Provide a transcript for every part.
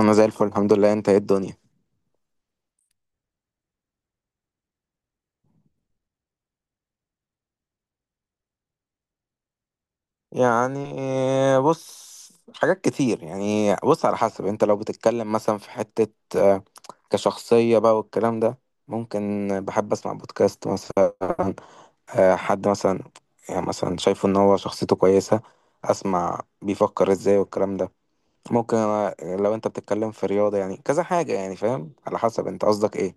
انا زي الفل، الحمد لله. انت ايه الدنيا؟ يعني بص، حاجات كتير. بص، على حسب انت لو بتتكلم مثلا في حتة، آه، كشخصية بقى والكلام ده، ممكن بحب اسمع بودكاست مثلا. حد مثلا يعني مثلا شايفه ان هو شخصيته كويسة، اسمع بيفكر ازاي والكلام ده. ممكن لو انت بتتكلم في رياضة يعني كذا حاجة، يعني فاهم، على حسب انت قصدك ايه.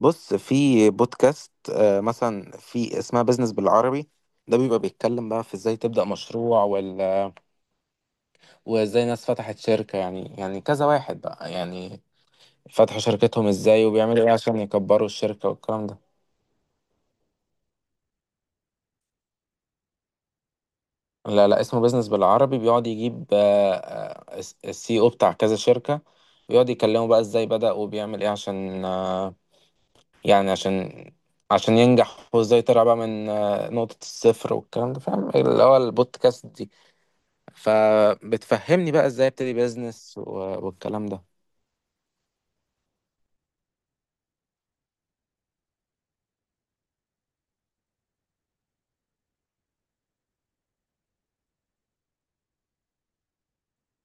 بص، في بودكاست مثلا في اسمها بيزنس بالعربي. ده بيبقى بيتكلم بقى في ازاي تبدأ مشروع، ولا وازاي ناس فتحت شركة. يعني كذا واحد بقى يعني فتحوا شركتهم ازاي وبيعملوا ايه عشان يكبروا الشركة والكلام ده. لا اسمه بيزنس بالعربي، بيقعد يجيب السي او بتاع كذا شركة، ويقعد يكلموا بقى ازاي بدأ وبيعمل ايه عشان يعني عشان ينجح، وازاي طلع بقى من نقطة الصفر والكلام ده. فاهم اللي هو البودكاست فبتفهمني بقى ازاي ابتدي بيزنس والكلام ده.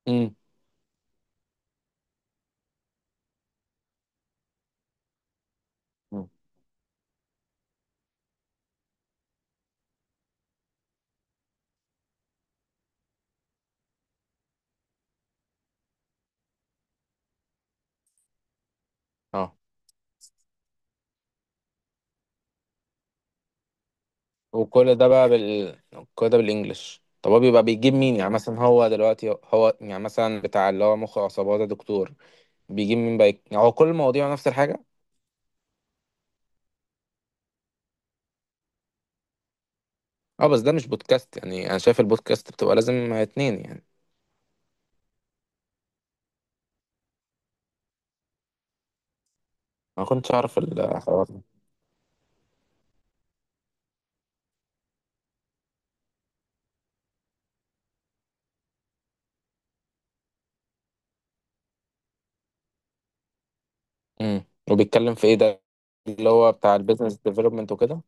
امم، اه. وكل ده بقى كل ده بالانجلش. طب هو بيبقى بيجيب مين؟ يعني مثلا هو دلوقتي، يعني مثلا بتاع اللي هو مخ وعصابات ده دكتور، بيجيب مين بقى؟ يعني هو كل المواضيع نفس الحاجة؟ اه بس ده مش بودكاست، يعني انا شايف البودكاست بتبقى لازم اتنين يعني. ما كنتش اعرف الحوار ده. امم. وبيتكلم في ايه ده؟ اللي هو بتاع البيزنس ديفلوبمنت وكده؟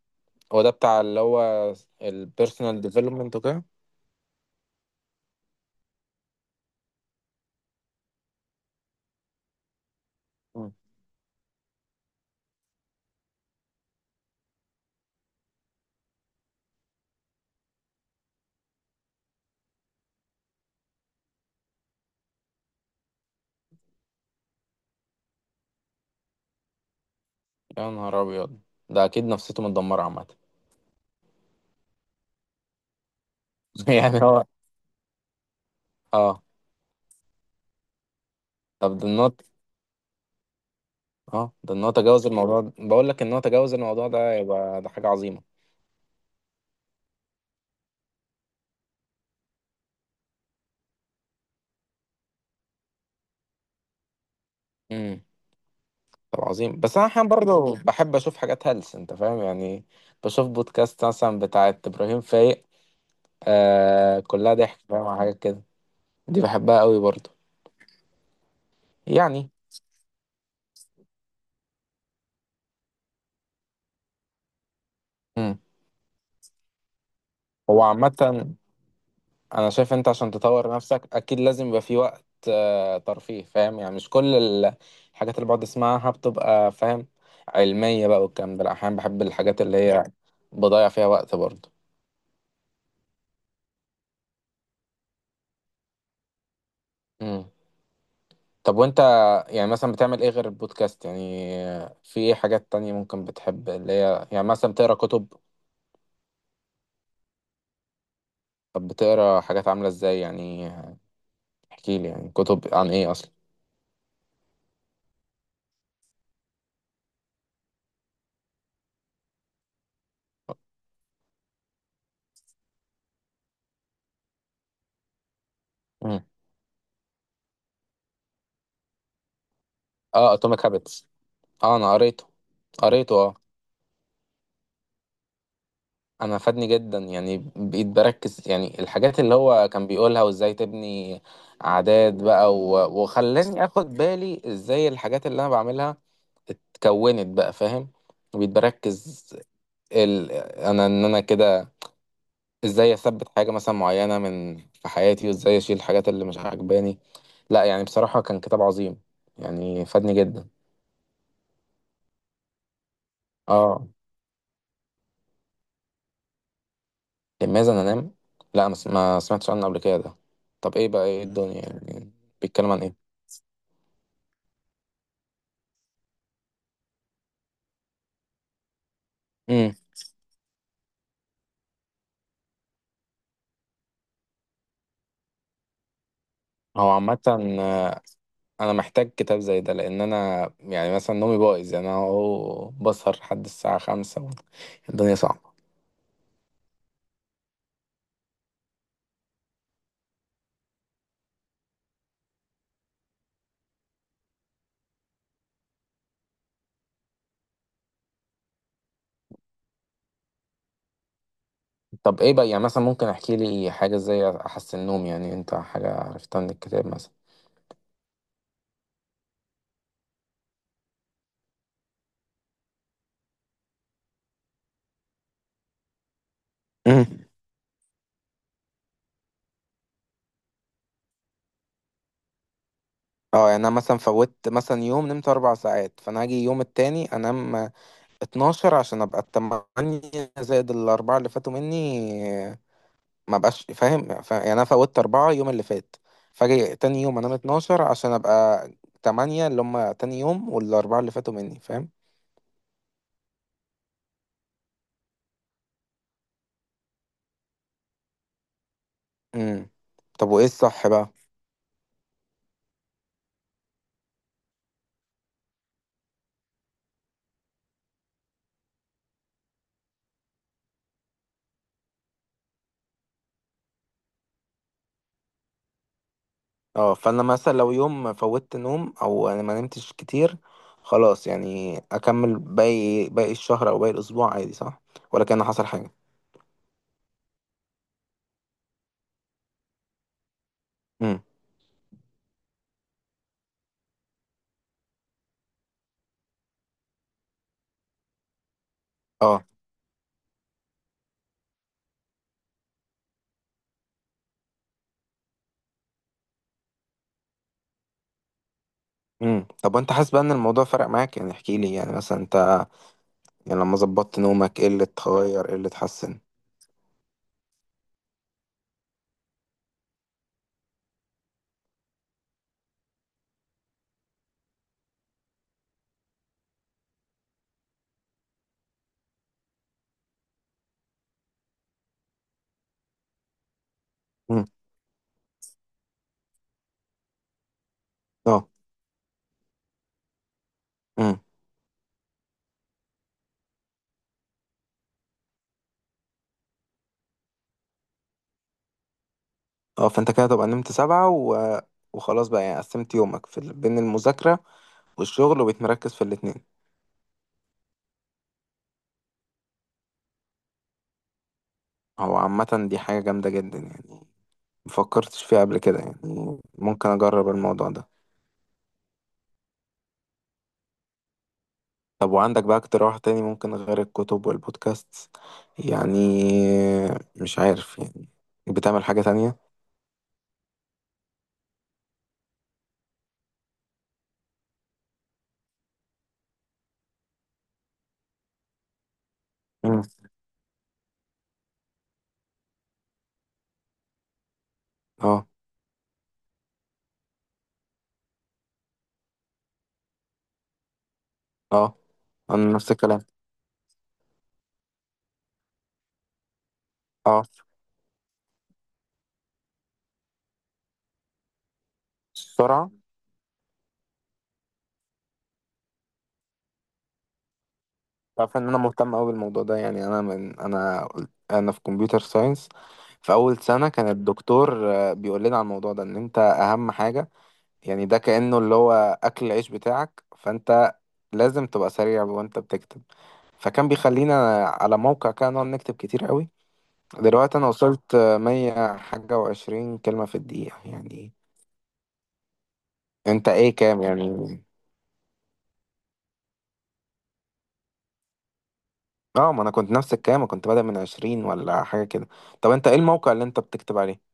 هو ده بتاع اللي هو البيرسونال ديفلوبمنت وكده؟ يا نهار ابيض، ده اكيد نفسيته متدمره عامه. يعني هو اه. طب ده النوت. اه، ده ان هو تجاوز الموضوع ده. بقول لك ان هو تجاوز الموضوع ده يبقى ده حاجه عظيمه. امم. طب عظيم، بس انا احيانا برضه بحب اشوف حاجات هلس، انت فاهم يعني. بشوف بودكاست مثلا بتاعت ابراهيم فايق، آه، كلها ضحك، فاهم حاجات كده. دي بحبها قوي برضه يعني. امم. هو عامه انا شايف انت عشان تطور نفسك اكيد لازم يبقى في وقت ترفيه، فاهم يعني؟ مش كل الحاجات اللي بقعد اسمعها بتبقى، فاهم، علمية بقى والكلام ده. لا، احيانا بحب الحاجات اللي هي بضيع فيها وقت برضه. امم. طب وانت يعني مثلا بتعمل ايه غير البودكاست؟ يعني في ايه حاجات تانية ممكن بتحب؟ اللي هي يعني مثلا بتقرا كتب؟ طب بتقرا حاجات عاملة ازاي يعني؟ احكي لي، يعني كتب عن ايه اصلا. امم. اه اتوميك هابتس. اه انا قريته. قريته اه. انا فادني جدا، يعني بقيت بركز يعني الحاجات اللي هو كان بيقولها وازاي تبني عادات بقى و... وخلاني اخد بالي ازاي الحاجات اللي انا بعملها اتكونت بقى، فاهم. بقيت بركز انا كده ازاي اثبت حاجة مثلا معينة من في حياتي، وازاي اشيل الحاجات اللي مش عاجباني. لا يعني بصراحة كان كتاب عظيم، يعني فادني جدا. اه لماذا انام. لا ما سمعتش عنه قبل كده ده. طب ايه بقى؟ ايه الدنيا يعني؟ بيتكلم عن ايه؟ هو عامة، آه، أنا محتاج كتاب زي ده، لأن أنا يعني مثلا نومي بايظ. يعني أنا أهو بسهر لحد الساعة 5، الدنيا صعبة. طب إيه بقى؟ يعني مثلا ممكن أحكي لي حاجة إزاي أحسن نوم؟ يعني أنت حاجة عرفتها من الكتاب مثلا. مم. اه، يعني أنا مثلا فوتت مثلا يوم نمت 4 ساعات، فأنا هاجي يوم التاني أنام 12 عشان أبقى ال8 زائد ال4 اللي فاتوا مني. ما بقاش فاهم؟ يعني انا فوتت 4 يوم اللي فات، فاجي تاني يوم انام 12 عشان ابقى 8، اللي هم تاني يوم والاربعة اللي فاتوا مني، فاهم. امم. طب وايه الصح بقى؟ اه، فانا مثلا لو يوم فوتت نوم او انا ما نمتش كتير، خلاص يعني اكمل باقي الشهر او باقي الاسبوع عادي، صح؟ ولا كان حصل حاجة؟ امم. اه. امم. طب وانت حاسس بقى ان الموضوع فرق معاك؟ يعني احكي لي يعني مثلا انت، يعني لما ظبطت نومك ايه اللي اتغير، ايه اللي اتحسن؟ امم. اه. امم. اه، فانت كده تبقى نمت 7 و... وخلاص بقى، يعني قسمت يومك في بين المذاكرة والشغل، وبتمركز في الاتنين. هو عامة دي حاجة جامدة جدا يعني، مفكرتش فيها قبل كده يعني. ممكن أجرب الموضوع ده. طب وعندك بقى اقتراح تاني ممكن غير الكتب والبودكاست؟ يعني مش عارف يعني، بتعمل حاجة تانية؟ مم. اه. اه. أنا نفس الكلام. اه. السرعة. تعرف ان انا مهتم قوي بالموضوع ده، يعني انا انا في كمبيوتر ساينس. في اول سنه كان الدكتور بيقول لنا على الموضوع ده، ان انت اهم حاجه، يعني ده كانه اللي هو اكل العيش بتاعك، فانت لازم تبقى سريع وانت بتكتب. فكان بيخلينا على موقع كده نقعد نكتب كتير قوي. دلوقتي انا وصلت 120 كلمة في الدقيقة تقريبا يعني. انت ايه، كام يعني؟ اه، ما انا كنت نفس الكلام، كنت بادئ من 20 ولا حاجه كده. طب انت ايه الموقع اللي انت بتكتب عليه؟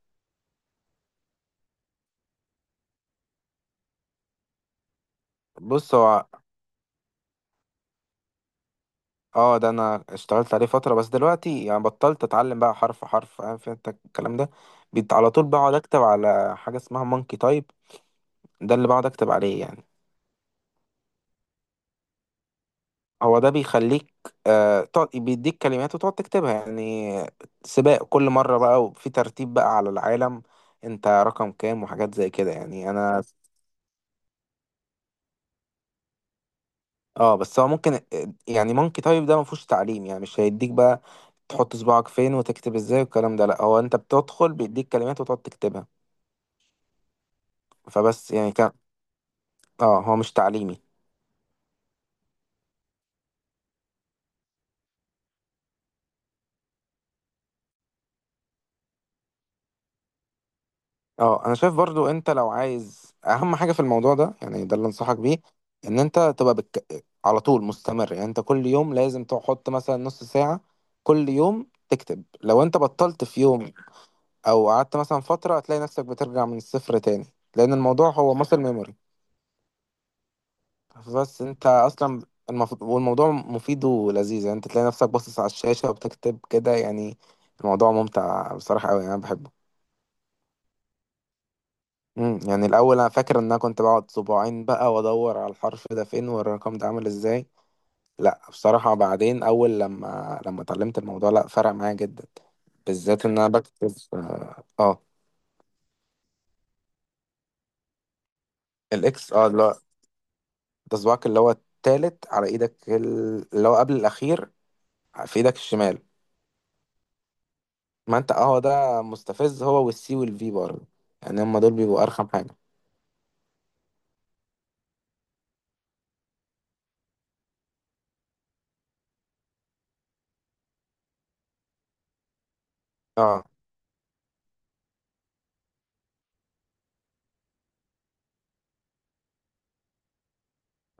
بص هو اه، ده انا اشتغلت عليه فترة بس دلوقتي يعني بطلت. اتعلم بقى حرف حرف، فاهم، في انت الكلام ده. بيت على طول، بقعد اكتب على حاجة اسمها مونكي تايب. ده اللي بقعد اكتب عليه يعني. هو ده بيخليك آه تقعد بيديك كلمات وتقعد تكتبها يعني. سباق كل مرة بقى، وفي ترتيب بقى على العالم، انت رقم كام وحاجات زي كده. يعني انا اه بس هو ممكن، يعني مونكي تايب ده مفهوش تعليم، يعني مش هيديك بقى تحط صباعك فين وتكتب ازاي والكلام ده. لا هو انت بتدخل بيديك كلمات وتقعد تكتبها. فبس يعني كان، اه هو مش تعليمي. اه انا شايف برضو انت لو عايز اهم حاجة في الموضوع ده، يعني ده اللي انصحك بيه، ان انت تبقى على طول مستمر. يعني انت كل يوم لازم تحط مثلا نص ساعة كل يوم تكتب. لو انت بطلت في يوم او قعدت مثلا فترة، هتلاقي نفسك بترجع من الصفر تاني، لان الموضوع هو muscle ميموري. بس انت اصلا المفروض، والموضوع مفيد ولذيذ يعني. انت تلاقي نفسك باصص على الشاشة وبتكتب كده يعني، الموضوع ممتع بصراحة قوي، يعني انا بحبه. امم. يعني الاول انا فاكر ان انا كنت بقعد صباعين بقى وادور على الحرف ده فين والرقم ده عامل ازاي. لا بصراحة بعدين، اول لما اتعلمت الموضوع لا فرق معايا جدا، بالذات ان انا بكتب اه الاكس اه اللي هو ده صباعك اللي هو التالت على ايدك اللي هو قبل الاخير في ايدك الشمال. ما انت اه هو ده مستفز، هو والسي والفي برضه، يعني هما دول بيبقوا ارخم حاجة. اه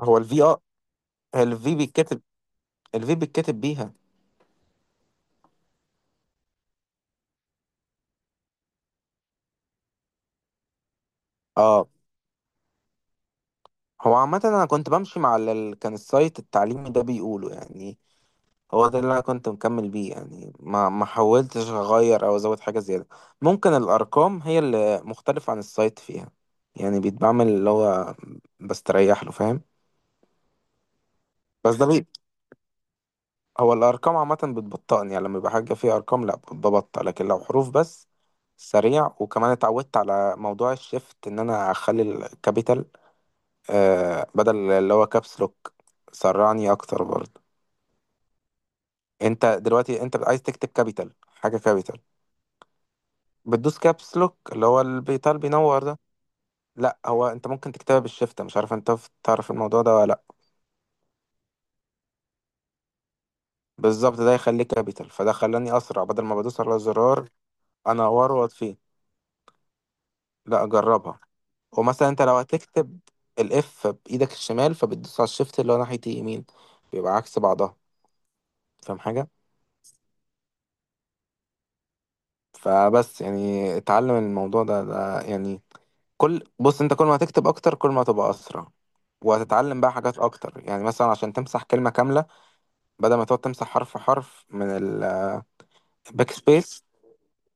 هو الفي، اه الفي بيتكتب، الفي بيتكتب بيها. اه هو عامة أنا كنت بمشي مع كان السايت التعليمي ده بيقوله يعني، هو ده اللي أنا كنت مكمل بيه يعني، ما حاولتش أغير أو أزود حاجة زيادة. ممكن الأرقام هي اللي مختلفة عن السايت فيها، يعني بيتعمل اللي هو بستريح له، فاهم. بس ده بي هو الأرقام عامة بتبطئني، يعني لما يبقى حاجة فيها أرقام لأ ببطأ، لكن لو حروف بس سريع. وكمان اتعودت على موضوع الشيفت، إن أنا أخلي الكابيتال آه بدل اللي هو كابس لوك، سرعني أكتر برضه. انت دلوقتي انت عايز تكتب كابيتال، حاجه كابيتال بتدوس كابس لوك اللي هو البيتال بينور ده. لا هو انت ممكن تكتبها بالشفت، مش عارف انت تعرف الموضوع ده ولا لا. بالظبط، ده يخليه كابيتال، فده خلاني اسرع بدل ما بدوس على الزرار انوره واطفيه. لا اجربها. ومثلا انت لو هتكتب الاف بايدك الشمال، فبتدوس على الشفت اللي هو ناحيه اليمين، بيبقى عكس بعضها، فاهم حاجه. فبس يعني اتعلم الموضوع ده، ده يعني كل، بص انت كل ما هتكتب اكتر كل ما هتبقى اسرع، وهتتعلم بقى حاجات اكتر. يعني مثلا عشان تمسح كلمة كاملة بدل ما تقعد تمسح حرف حرف من الباك سبيس،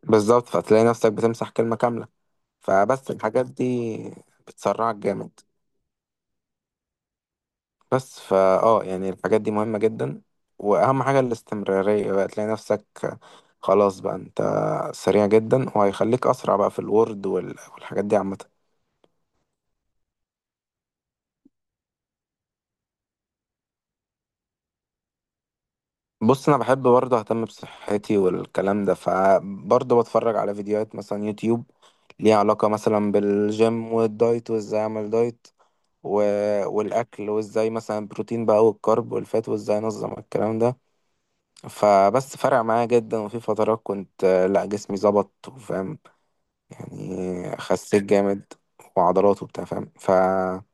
بالظبط، فتلاقي نفسك بتمسح كلمة كاملة. فبس الحاجات دي بتسرعك جامد. بس فا اه يعني الحاجات دي مهمة جدا، واهم حاجة الاستمرارية بقى. تلاقي نفسك خلاص بقى انت سريع جدا، وهيخليك اسرع بقى في الوورد وال- والحاجات دي عامة. بص انا بحب برضه اهتم بصحتي والكلام ده، فبرضه بتفرج على فيديوهات مثلا يوتيوب ليها علاقة مثلا بالجيم والدايت، وازاي اعمل دايت و... والاكل، وازاي مثلا بروتين بقى والكارب والفات، وازاي انظم الكلام ده. فبس فرق معايا جدا، وفي فترات كنت لا جسمي ظبط، وفاهم يعني، خسيت جامد وعضلات وبتاع، فاهم. فبس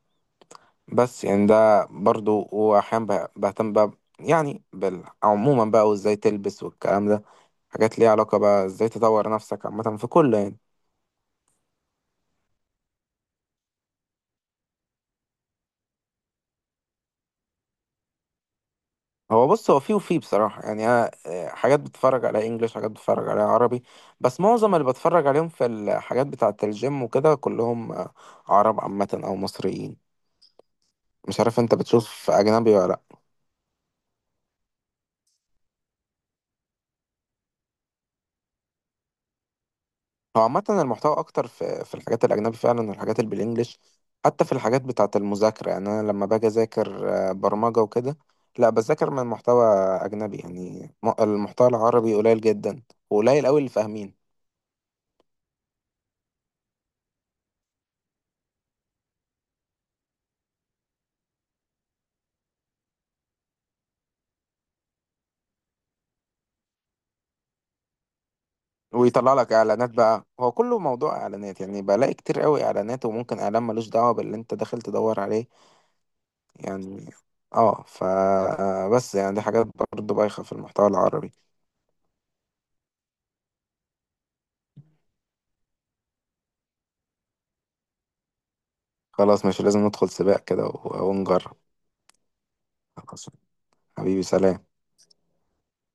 يعني ده برضه، واحيانا بهتم بقى يعني عموما بقى وازاي تلبس والكلام ده، حاجات ليها علاقة بقى ازاي تطور نفسك عامة في كل يعني. هو بص هو فيه وفيه بصراحة، يعني أنا حاجات بتفرج على إنجليش، حاجات بتفرج على عربي. بس معظم اللي بتفرج عليهم في الحاجات بتاعة الجيم وكده كلهم عرب عامة أو مصريين. مش عارف أنت بتشوف أجنبي ولا لأ. هو عامة المحتوى أكتر في الحاجات الأجنبي فعلا، والحاجات اللي بالإنجليش. حتى في الحاجات بتاعة المذاكرة، يعني أنا لما باجي أذاكر برمجة وكده، لأ بذاكر من محتوى أجنبي. يعني المحتوى العربي قليل جدا، وقليل أوي اللي فاهمينه. ويطلع لك اعلانات بقى، هو كله موضوع اعلانات، يعني بلاقي كتير قوي اعلانات، وممكن اعلان ملوش دعوه باللي انت داخل تدور عليه يعني. اه ف بس يعني دي حاجات برضه بايخه في المحتوى العربي. خلاص مش لازم ندخل سباق كده و- ونجرب. خلاص، حبيبي سلام.